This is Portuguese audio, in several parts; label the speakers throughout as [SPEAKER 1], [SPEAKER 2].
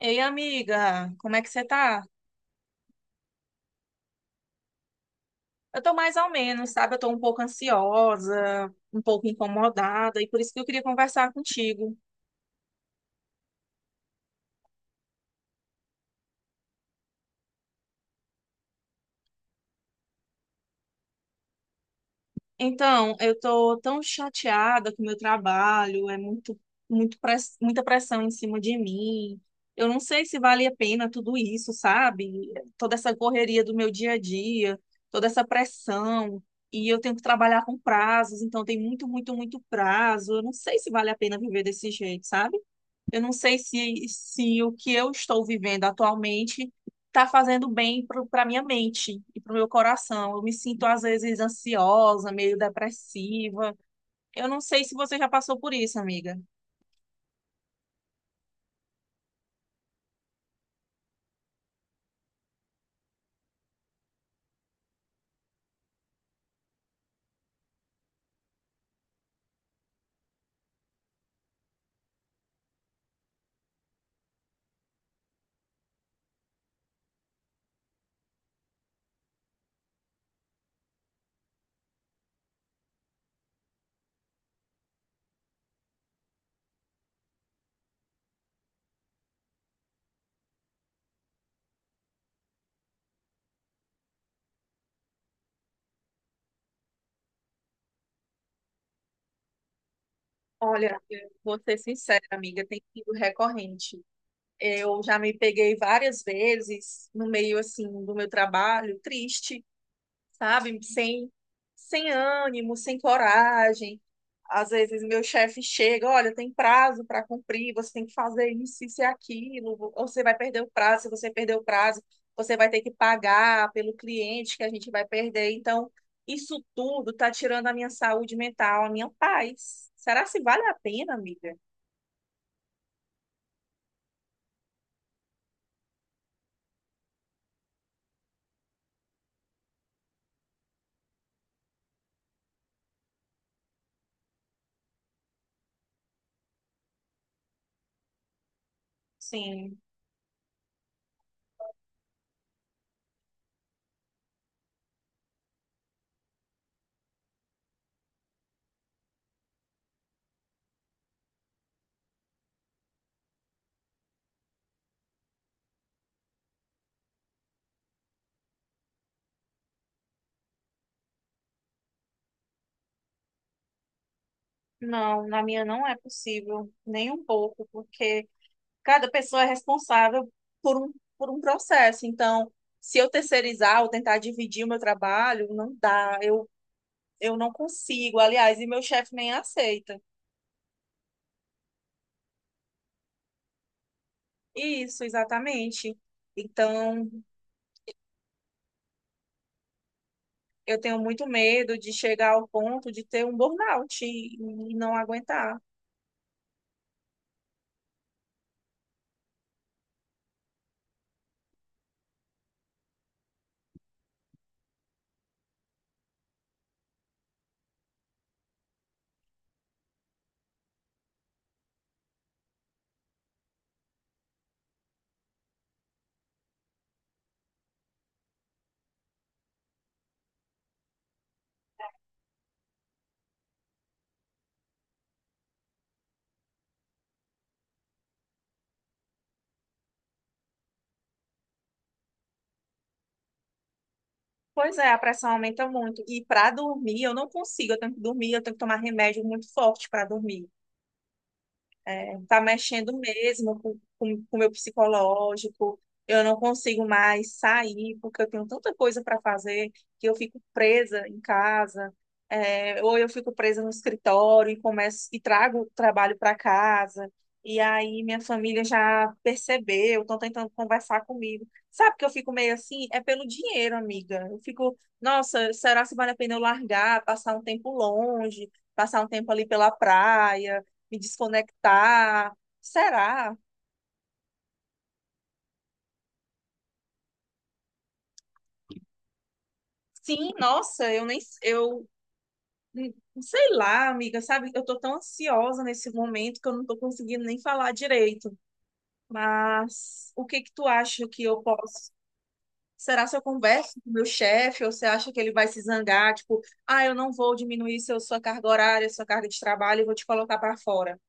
[SPEAKER 1] Ei, amiga, como é que você tá? Eu tô mais ou menos, sabe? Eu tô um pouco ansiosa, um pouco incomodada, e por isso que eu queria conversar contigo. Então, eu tô tão chateada com o meu trabalho, é muito, muito muita pressão em cima de mim. Eu não sei se vale a pena tudo isso, sabe? Toda essa correria do meu dia a dia, toda essa pressão, e eu tenho que trabalhar com prazos, então tem muito, muito, muito prazo. Eu não sei se vale a pena viver desse jeito, sabe? Eu não sei se o que eu estou vivendo atualmente está fazendo bem para minha mente e para o meu coração. Eu me sinto, às vezes, ansiosa, meio depressiva. Eu não sei se você já passou por isso, amiga. Olha, eu vou ser sincera, amiga, tem sido recorrente. Eu já me peguei várias vezes no meio, assim, do meu trabalho, triste, sabe? Sem ânimo, sem coragem. Às vezes meu chefe chega, olha, tem prazo para cumprir, você tem que fazer isso, isso e aquilo, ou você vai perder o prazo, se você perder o prazo, você vai ter que pagar pelo cliente que a gente vai perder. Então, isso tudo está tirando a minha saúde mental, a minha paz. Será se vale a pena, amiga? Sim, não, na minha não é possível, nem um pouco, porque cada pessoa é responsável por um, por um processo. Então, se eu terceirizar ou tentar dividir o meu trabalho, não dá. Eu não consigo, aliás, e meu chefe nem aceita. Isso, exatamente. Então, eu tenho muito medo de chegar ao ponto de ter um burnout e não aguentar. Pois é, a pressão aumenta muito. E para dormir, eu não consigo. Eu tenho que dormir, eu tenho que tomar remédio muito forte para dormir. É, tá mexendo mesmo com o meu psicológico. Eu não consigo mais sair porque eu tenho tanta coisa para fazer que eu fico presa em casa, é, ou eu fico presa no escritório e começo e trago o trabalho para casa. E aí minha família já percebeu, estão tentando conversar comigo. Sabe que eu fico meio assim? É pelo dinheiro, amiga. Eu fico, nossa, será se vale a pena eu largar, passar um tempo longe, passar um tempo ali pela praia? Me desconectar. Será? Sim, nossa, eu nem eu hum, sei lá, amiga, sabe? Eu tô tão ansiosa nesse momento que eu não tô conseguindo nem falar direito. Mas o que que tu acha que eu posso? Será se eu converso com o meu chefe ou você acha que ele vai se zangar, tipo, ah, eu não vou diminuir seu, sua carga horária, sua carga de trabalho, eu vou te colocar para fora.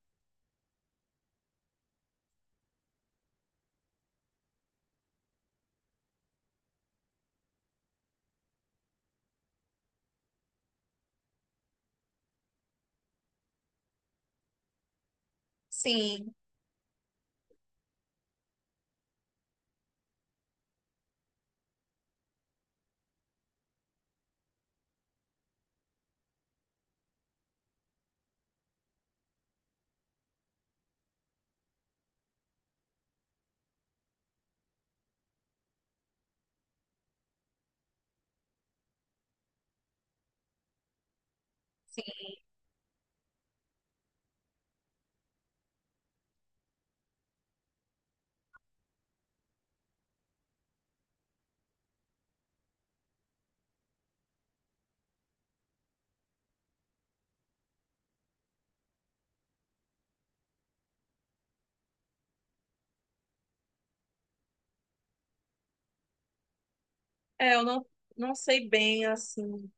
[SPEAKER 1] Sim, é, eu não não sei bem assim,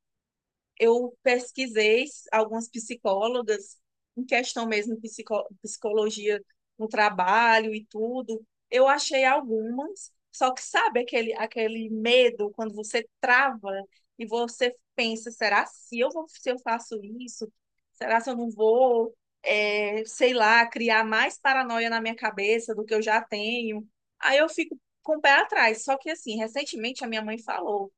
[SPEAKER 1] eu pesquisei algumas psicólogas em questão mesmo de psicologia no trabalho e tudo. Eu achei algumas, só que sabe aquele, aquele medo quando você trava e você pensa, será se eu vou, se eu faço isso? Será se eu não vou, sei lá, criar mais paranoia na minha cabeça do que eu já tenho? Aí eu fico com o pé atrás. Só que assim, recentemente a minha mãe falou: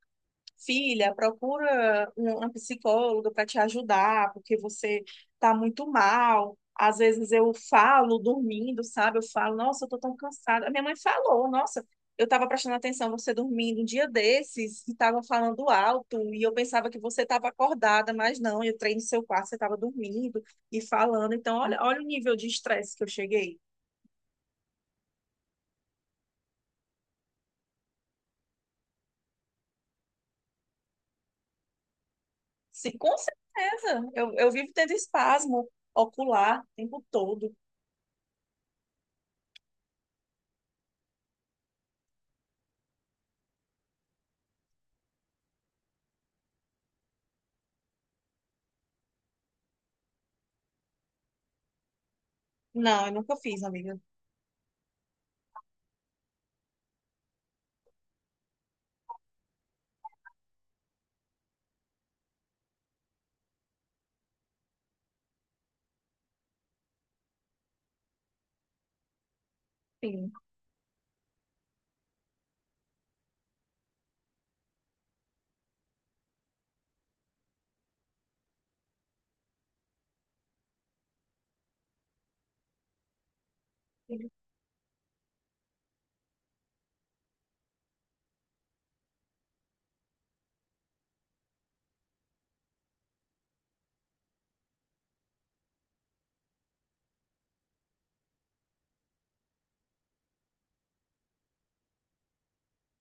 [SPEAKER 1] Filha, procura uma psicóloga para te ajudar, porque você tá muito mal. Às vezes eu falo dormindo, sabe? Eu falo, nossa, eu tô tão cansada. A minha mãe falou, nossa, eu tava prestando atenção você dormindo um dia desses e tava falando alto e eu pensava que você tava acordada, mas não, eu entrei no seu quarto, você tava dormindo e falando. Então, olha, olha o nível de estresse que eu cheguei. Sim, com certeza. Eu vivo tendo espasmo ocular o tempo todo. Não, eu nunca fiz, amiga. Sim,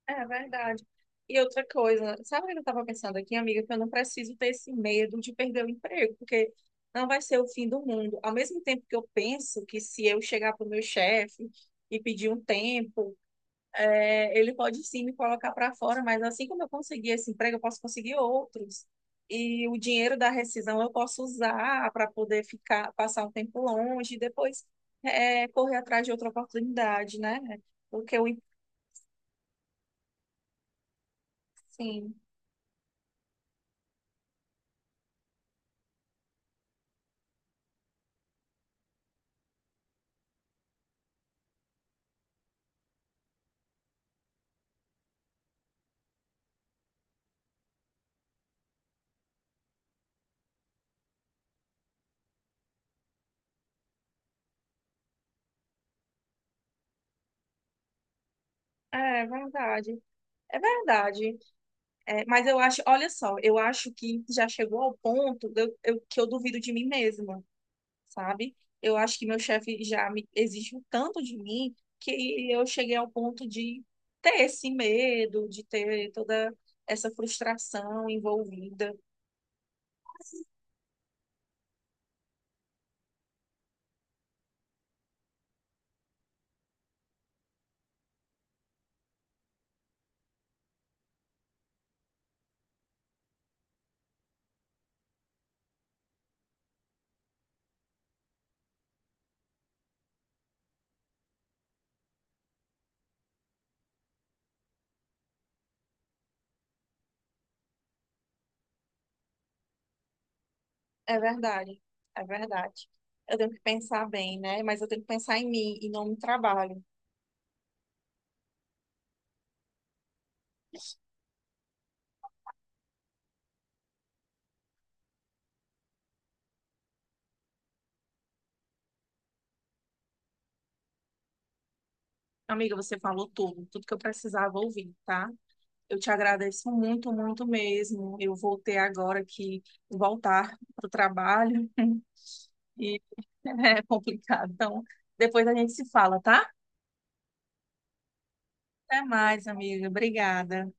[SPEAKER 1] é verdade. E outra coisa, sabe o que eu estava pensando aqui, amiga? Que eu não preciso ter esse medo de perder o emprego, porque não vai ser o fim do mundo. Ao mesmo tempo que eu penso que se eu chegar para o meu chefe e pedir um tempo, é, ele pode sim me colocar para fora, mas assim como eu conseguir esse emprego, eu posso conseguir outros. E o dinheiro da rescisão eu posso usar para poder ficar, passar um tempo longe e depois é, correr atrás de outra oportunidade, né? Porque o, sim. É verdade, é verdade. É, mas eu acho, olha só, eu acho que já chegou ao ponto de que eu duvido de mim mesma, sabe? Eu acho que meu chefe já me exige um tanto de mim que eu cheguei ao ponto de ter esse medo, de ter toda essa frustração envolvida. É verdade, é verdade. Eu tenho que pensar bem, né? Mas eu tenho que pensar em mim e não no trabalho. Amiga, você falou tudo, tudo que eu precisava ouvir, tá? Eu te agradeço muito, muito mesmo. Eu voltei agora que voltar para o trabalho e é complicado. Então, depois a gente se fala, tá? Até mais, amiga. Obrigada.